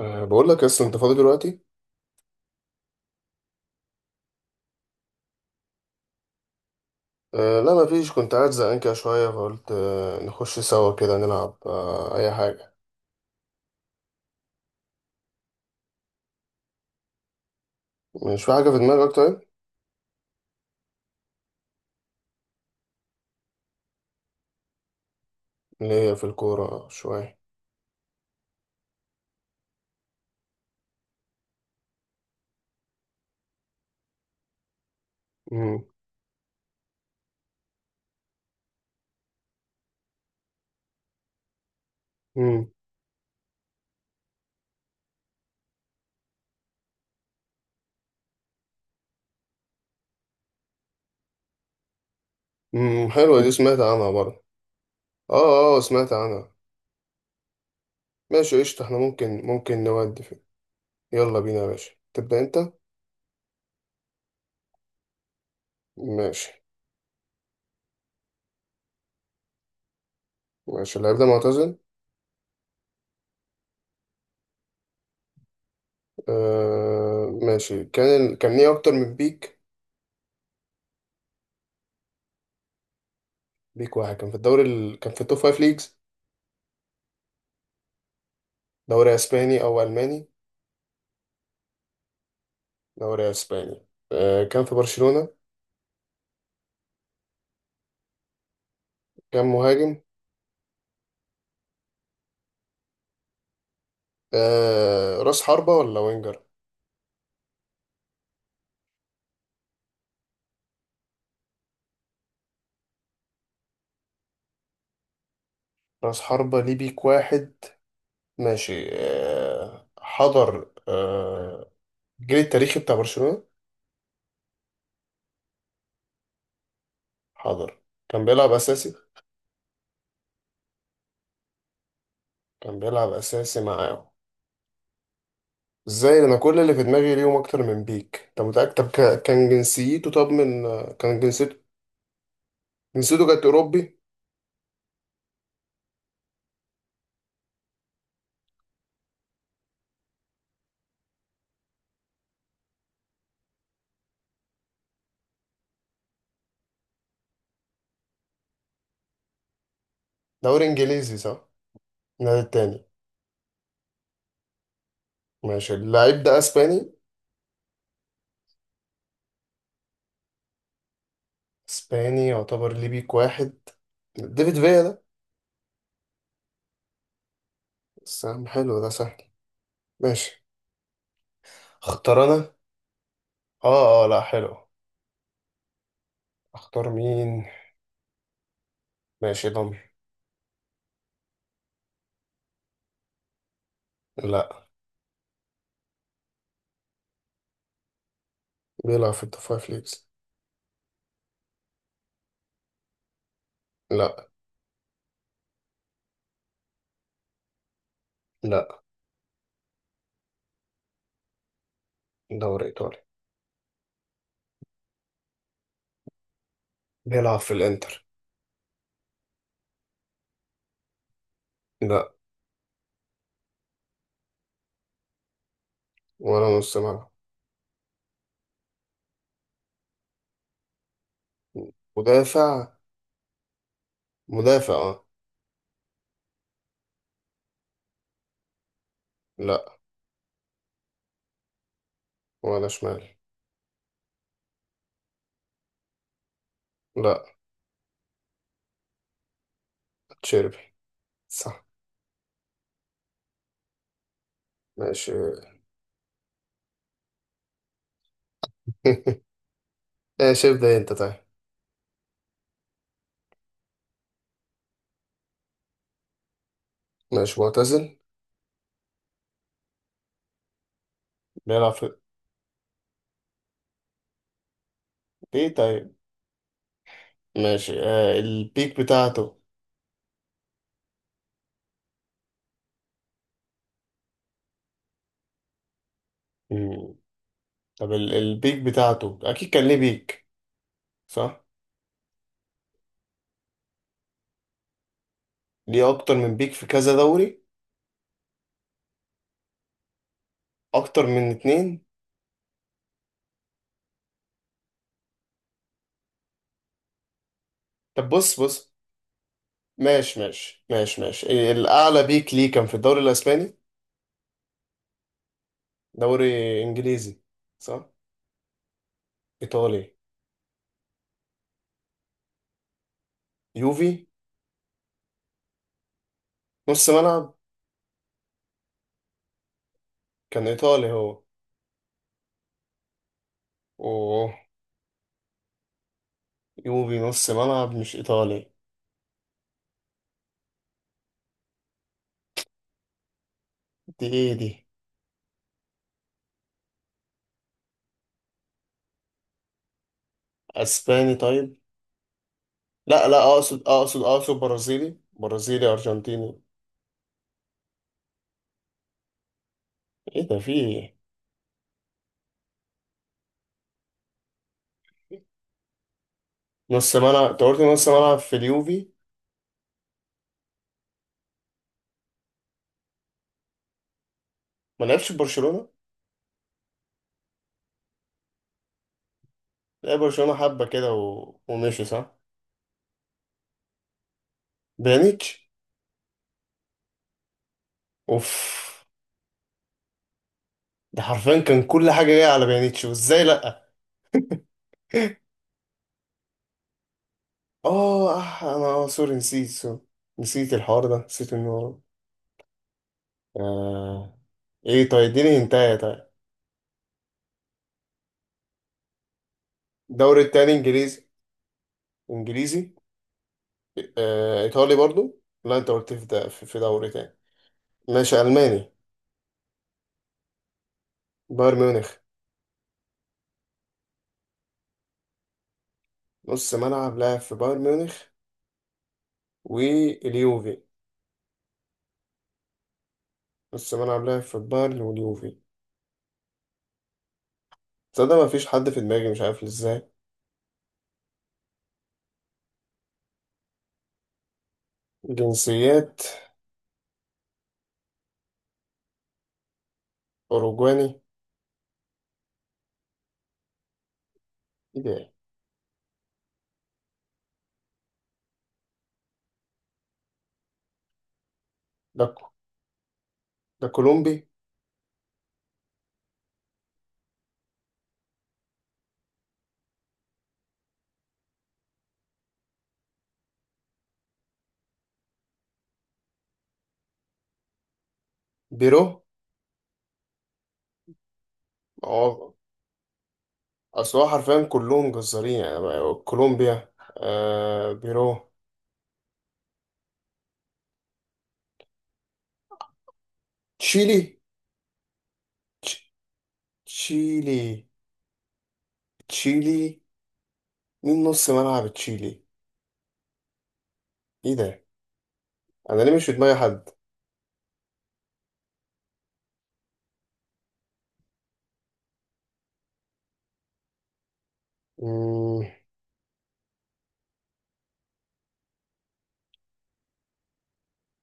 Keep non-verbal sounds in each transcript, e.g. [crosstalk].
بقول لك اصلا انت فاضي دلوقتي؟ لا، ما فيش. كنت قاعد زهقان كده شويه، فقلت نخش سوا كده نلعب اي حاجه. مش في حاجه في دماغك طيب؟ اللي هي في الكوره شويه. امم امم حلوه دي، سمعت عنها برضه. اه اه، سمعت عنها. ماشي قشطه، احنا ممكن نودي فيه. يلا بينا يا باشا، تبدا انت. ماشي ماشي. اللعيب ده معتزل. أه ماشي، كان كان ليه اكتر من بيك. بيك واحد كان في الدوري كان في التوب فايف ليجز. دوري اسباني او الماني؟ دوري اسباني. آه، كان في برشلونة. كان مهاجم. آه، راس حربة ولا وينجر؟ راس حربة ليه بيك واحد. ماشي، حضر، الجيل التاريخي بتاع برشلونة. حضر. كان بيلعب اساسي. كان بيلعب اساسي معاهم. ازاي؟ انا كل اللي في دماغي ليهم اكتر من بيك. انت متأكد؟ طب كان جنسيته؟ طب من آه، كان جنسيته؟ جنسيته كانت اوروبي. دوري انجليزي صح؟ النادي التاني. ماشي اللعيب ده اسباني. اسباني، يعتبر ليه بيك واحد. ديفيد فيا ده؟ بس يا عم، حلو ده سهل. ماشي. اختار انا. اه اه، لا حلو. اختار مين؟ ماشي ضمير. لا. بيلعب في التوب فايف ليجز. لا. لا. دوري ايطالي. بيلعب في الانتر. لا. ولا نص ملعب. مدافع. مدافع اه. لا. ولا شمال. لا. تشيربي. صح. ماشي. [laughs] ماشي ابدأ انت طيب. ماشي معتزل. بيلعب في. ليه طيب؟ ماشي، البيك بتاعته. مم. طب البيك بتاعته اكيد كان ليه بيك. صح. ليه اكتر من بيك في كذا دوري. اكتر من اتنين. طب بص بص. ماشي ماشي ماشي ماشي. الاعلى بيك ليه كان في الدوري الاسباني. دوري انجليزي صح؟ ايطالي. يوفي. نص ملعب. كان ايطالي هو؟ اوه. يوفي نص ملعب مش ايطالي. دي ايه دي؟ اسباني طيب؟ لا لا، اقصد برازيلي، برازيلي ارجنتيني. ايه ده، في ايه؟ نص ملعب انت قلت نص ملعب في اليوفي. ما لعبش في برشلونة. لعب برشلونة حبة كده ومشي صح. بيانيتش. اوف. ده حرفيا كان كل حاجة جاية على بيانيتش، وازاي لأ. [laughs] اه، انا، سوري، نسيت، سوري. نسيت الحوار ده، نسيت انه ورا. آه. ايه طيب اديني هنتايا طيب. الدوري التاني انجليزي؟ انجليزي. آه. ايطالي برضو؟ لا انت قلت في ده في دوري تاني. ماشي الماني. بايرن ميونخ. نص ملعب لاعب في بايرن ميونخ واليوفي. السنة اللي قبلها في البايرن واليوفي. تصدق مفيش حد في دماغي، مش عارف ازاي. جنسيات. أوروجواني. ايه ده؟ ده ك- ده كولومبي. بيرو. هو. أصل هو حرفيا كلهم جزارين يعني كولومبيا، بيرو. تشيلي. تش- تشيلي. تشيلي. مين نص ملعب تشيلي؟ ايه ده؟ أنا ليه مش في دماغي حد؟ مم،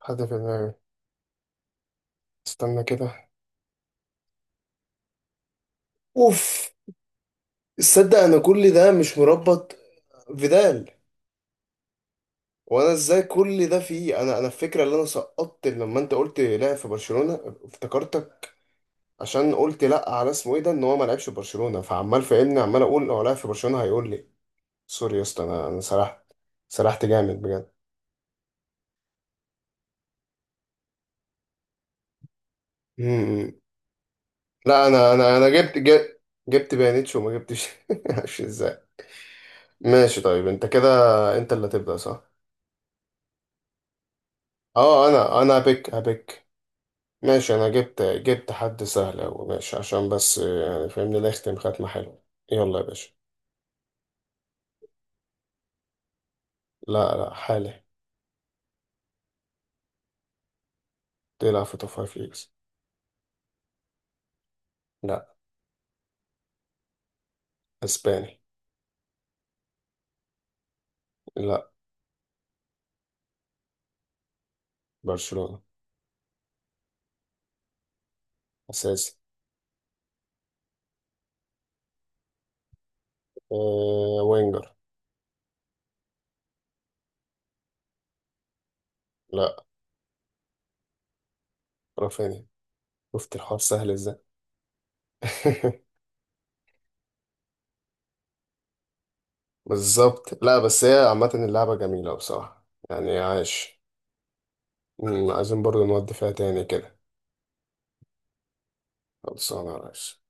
حد في دماغي، استنى كده. اوف. تصدق انا كل ده مش مربط. فيدال. وانا ازاي كل ده فيه، انا الفكره اللي انا سقطت لما انت قلت لعب في برشلونه افتكرتك. عشان قلت لا على اسمه ايه ده، ان هو ما لعبش في برشلونه، فعمال فاهمني عمال اقول هو لعب في برشلونه، هيقول لي. سوري يا اسطى، انا سرحت. سرحت جامد بجد. امم لا، انا جبت جبت بيانيتش، وما جبتش [laughs] معرفش ازاي. ماشي طيب، انت كده؟ انت اللي هتبدا صح؟ اه، انا هبيك. ماشي، انا جبت حد سهل أوي ماشي، عشان بس يعني فاهمني نختم ختمة حلوة. يلا يا باشا. لا لا، حالي. تلعب في توب فايف ليجز. لا. اسباني. لا. برشلونة. اساسي. أه وينجر. لا. رافينيا. شفت الحوار سهل ازاي. [laughs] بالظبط، لا بس هي عامة اللعبة جميلة بصراحة يعني عايش. عايزين برضو نودي فيها تاني كده. خلصانة يا ريس.